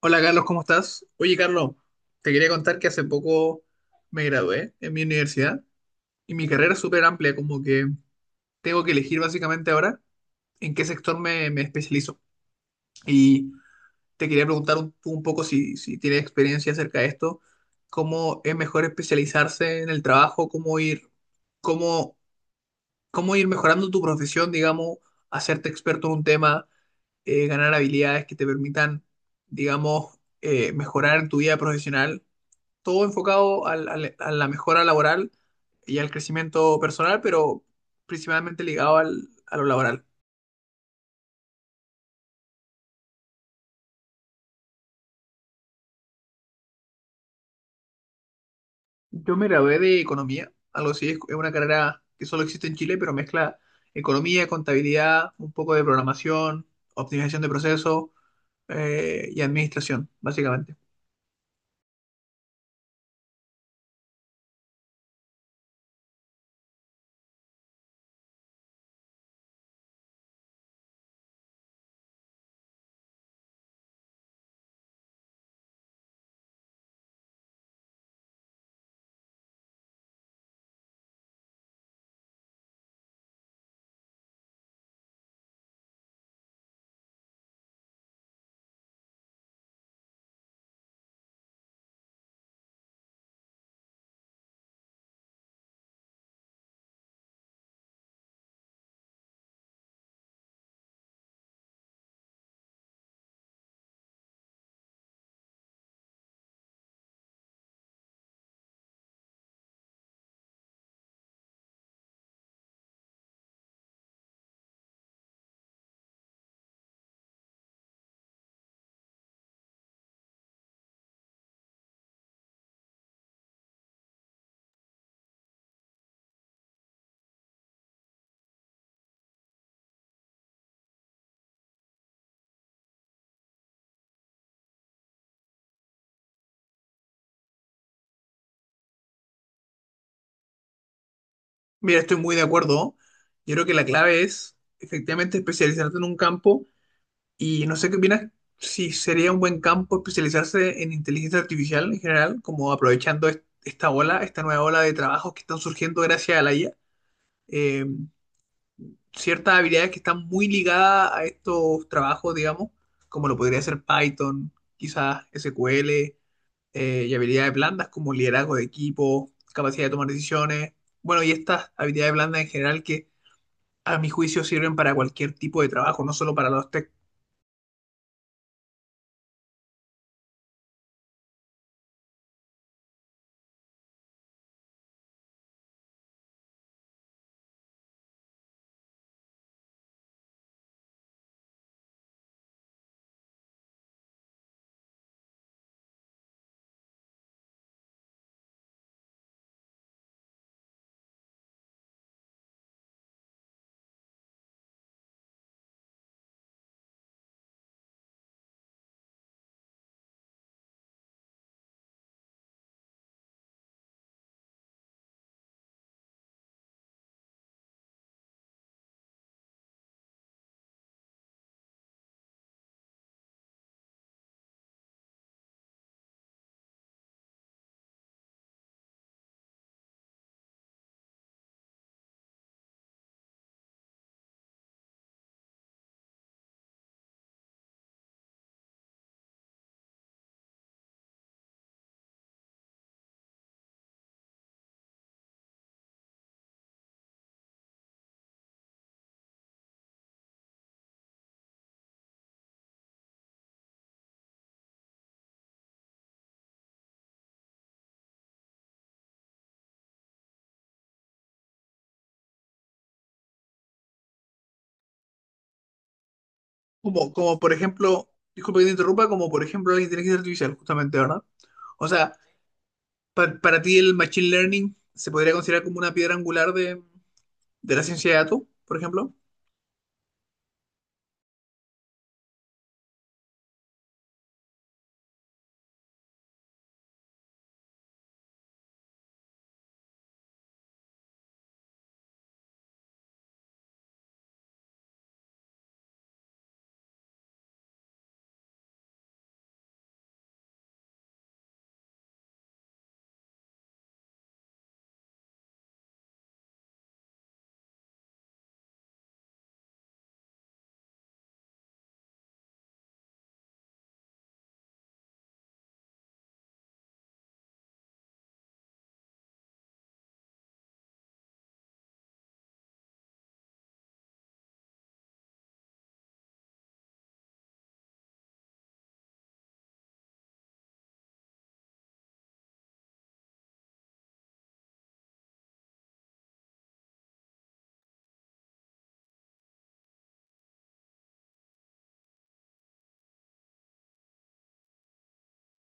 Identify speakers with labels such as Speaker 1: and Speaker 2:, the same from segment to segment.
Speaker 1: Hola Carlos, ¿cómo estás? Oye Carlos, te quería contar que hace poco me gradué en mi universidad y mi carrera es súper amplia, como que tengo que elegir básicamente ahora en qué sector me especializo. Y te quería preguntar un poco si tienes experiencia acerca de esto, cómo es mejor especializarse en el trabajo, cómo ir, cómo, cómo ir mejorando tu profesión, digamos, hacerte experto en un tema, ganar habilidades que te permitan, digamos, mejorar en tu vida profesional, todo enfocado a la mejora laboral y al crecimiento personal, pero principalmente ligado a lo laboral. Yo me gradué de economía, algo así, es una carrera que solo existe en Chile, pero mezcla economía, contabilidad, un poco de programación, optimización de procesos, y administración, básicamente. Mira, estoy muy de acuerdo, ¿no? Yo creo que la clave es efectivamente especializarte en un campo. Y no sé qué opinas, si sería un buen campo especializarse en inteligencia artificial en general, como aprovechando esta ola, esta nueva ola de trabajos que están surgiendo gracias a la IA. Eh, Ciertas habilidades que están muy ligadas a estos trabajos, digamos, como lo podría ser Python, quizás SQL, y habilidades blandas como liderazgo de equipo, capacidad de tomar decisiones. Bueno, y estas habilidades blandas en general que a mi juicio sirven para cualquier tipo de trabajo, no solo para los tech. Como, como por ejemplo, disculpa que te interrumpa, como por ejemplo la inteligencia artificial, justamente, ¿verdad? O sea, para ti el machine learning se podría considerar como una piedra angular de la ciencia de datos, por ejemplo.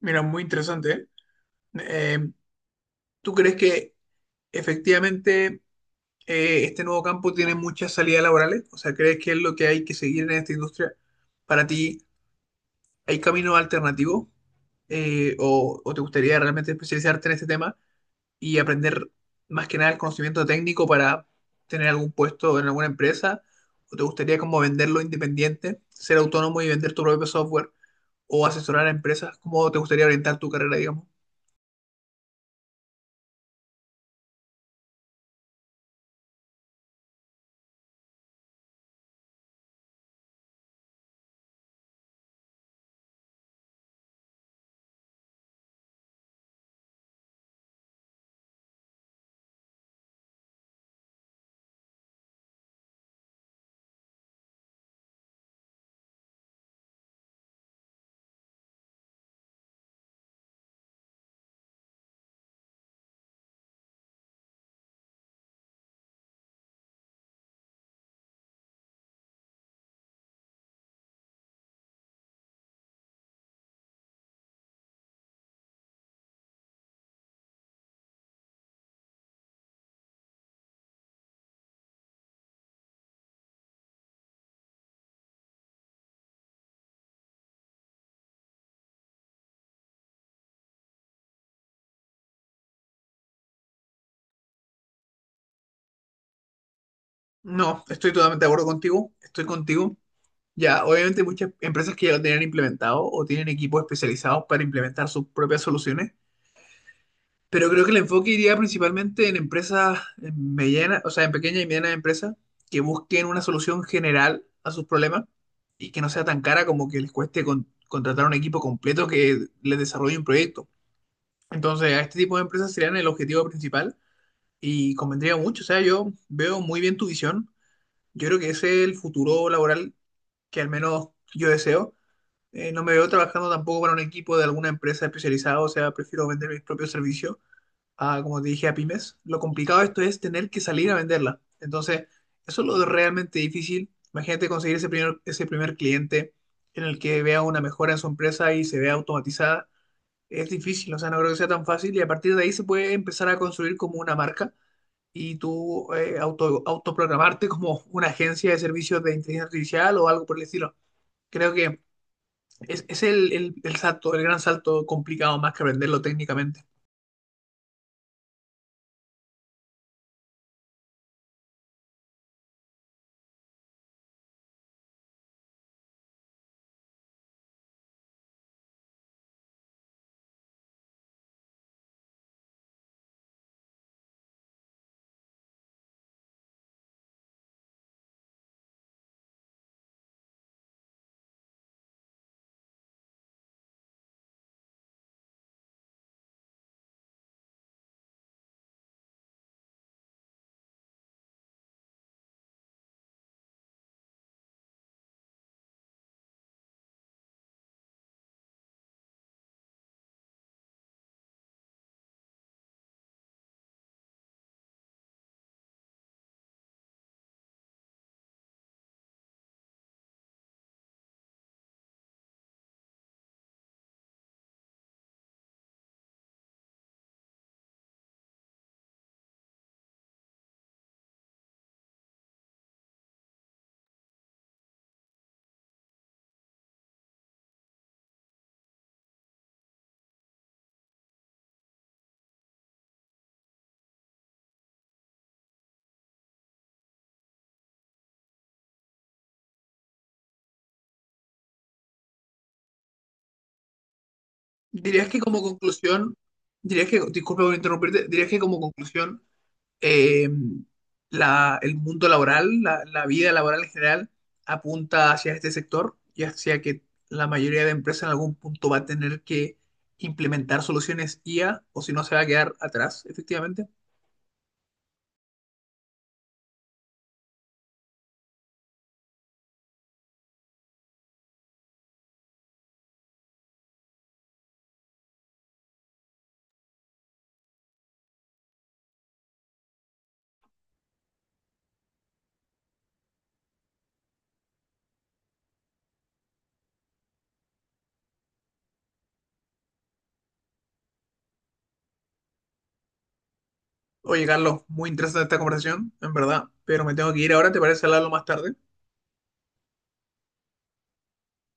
Speaker 1: Mira, muy interesante, ¿eh? Eh, ¿Tú crees que efectivamente este nuevo campo tiene muchas salidas laborales? O sea, ¿crees que es lo que hay que seguir en esta industria? Para ti, ¿hay caminos alternativos? ¿O te gustaría realmente especializarte en este tema y aprender más que nada el conocimiento técnico para tener algún puesto en alguna empresa? ¿O te gustaría como venderlo independiente, ser autónomo y vender tu propio software o asesorar a empresas? ¿Cómo te gustaría orientar tu carrera, digamos? No, estoy totalmente de acuerdo contigo, estoy contigo. Ya, obviamente hay muchas empresas que ya lo tienen implementado o tienen equipos especializados para implementar sus propias soluciones. Pero creo que el enfoque iría principalmente en empresas medianas, o sea, en pequeñas y medianas empresas que busquen una solución general a sus problemas y que no sea tan cara como que les cueste contratar un equipo completo que les desarrolle un proyecto. Entonces, a este tipo de empresas serían el objetivo principal y convendría mucho. O sea, yo veo muy bien tu visión. Yo creo que ese es el futuro laboral que al menos yo deseo. No me veo trabajando tampoco para un equipo de alguna empresa especializada, o sea, prefiero vender mis propios servicios a, como te dije, a pymes. Lo complicado de esto es tener que salir a venderla. Entonces, eso es lo realmente difícil. Imagínate conseguir ese ese primer cliente en el que vea una mejora en su empresa y se vea automatizada. Es difícil, o sea, no creo que sea tan fácil, y a partir de ahí se puede empezar a construir como una marca y tú autoprogramarte como una agencia de servicios de inteligencia artificial o algo por el estilo. Creo que el salto, el gran salto complicado, más que aprenderlo técnicamente. Dirías que como conclusión, dirías que, disculpa por interrumpirte, dirías que como conclusión, eh, el mundo laboral, la vida laboral en general, apunta hacia este sector y hacia que la mayoría de empresas en algún punto va a tener que implementar soluciones IA o si no se va a quedar atrás, efectivamente. Oye, Carlos, muy interesante esta conversación, en verdad, pero me tengo que ir ahora, ¿te parece hablarlo más tarde?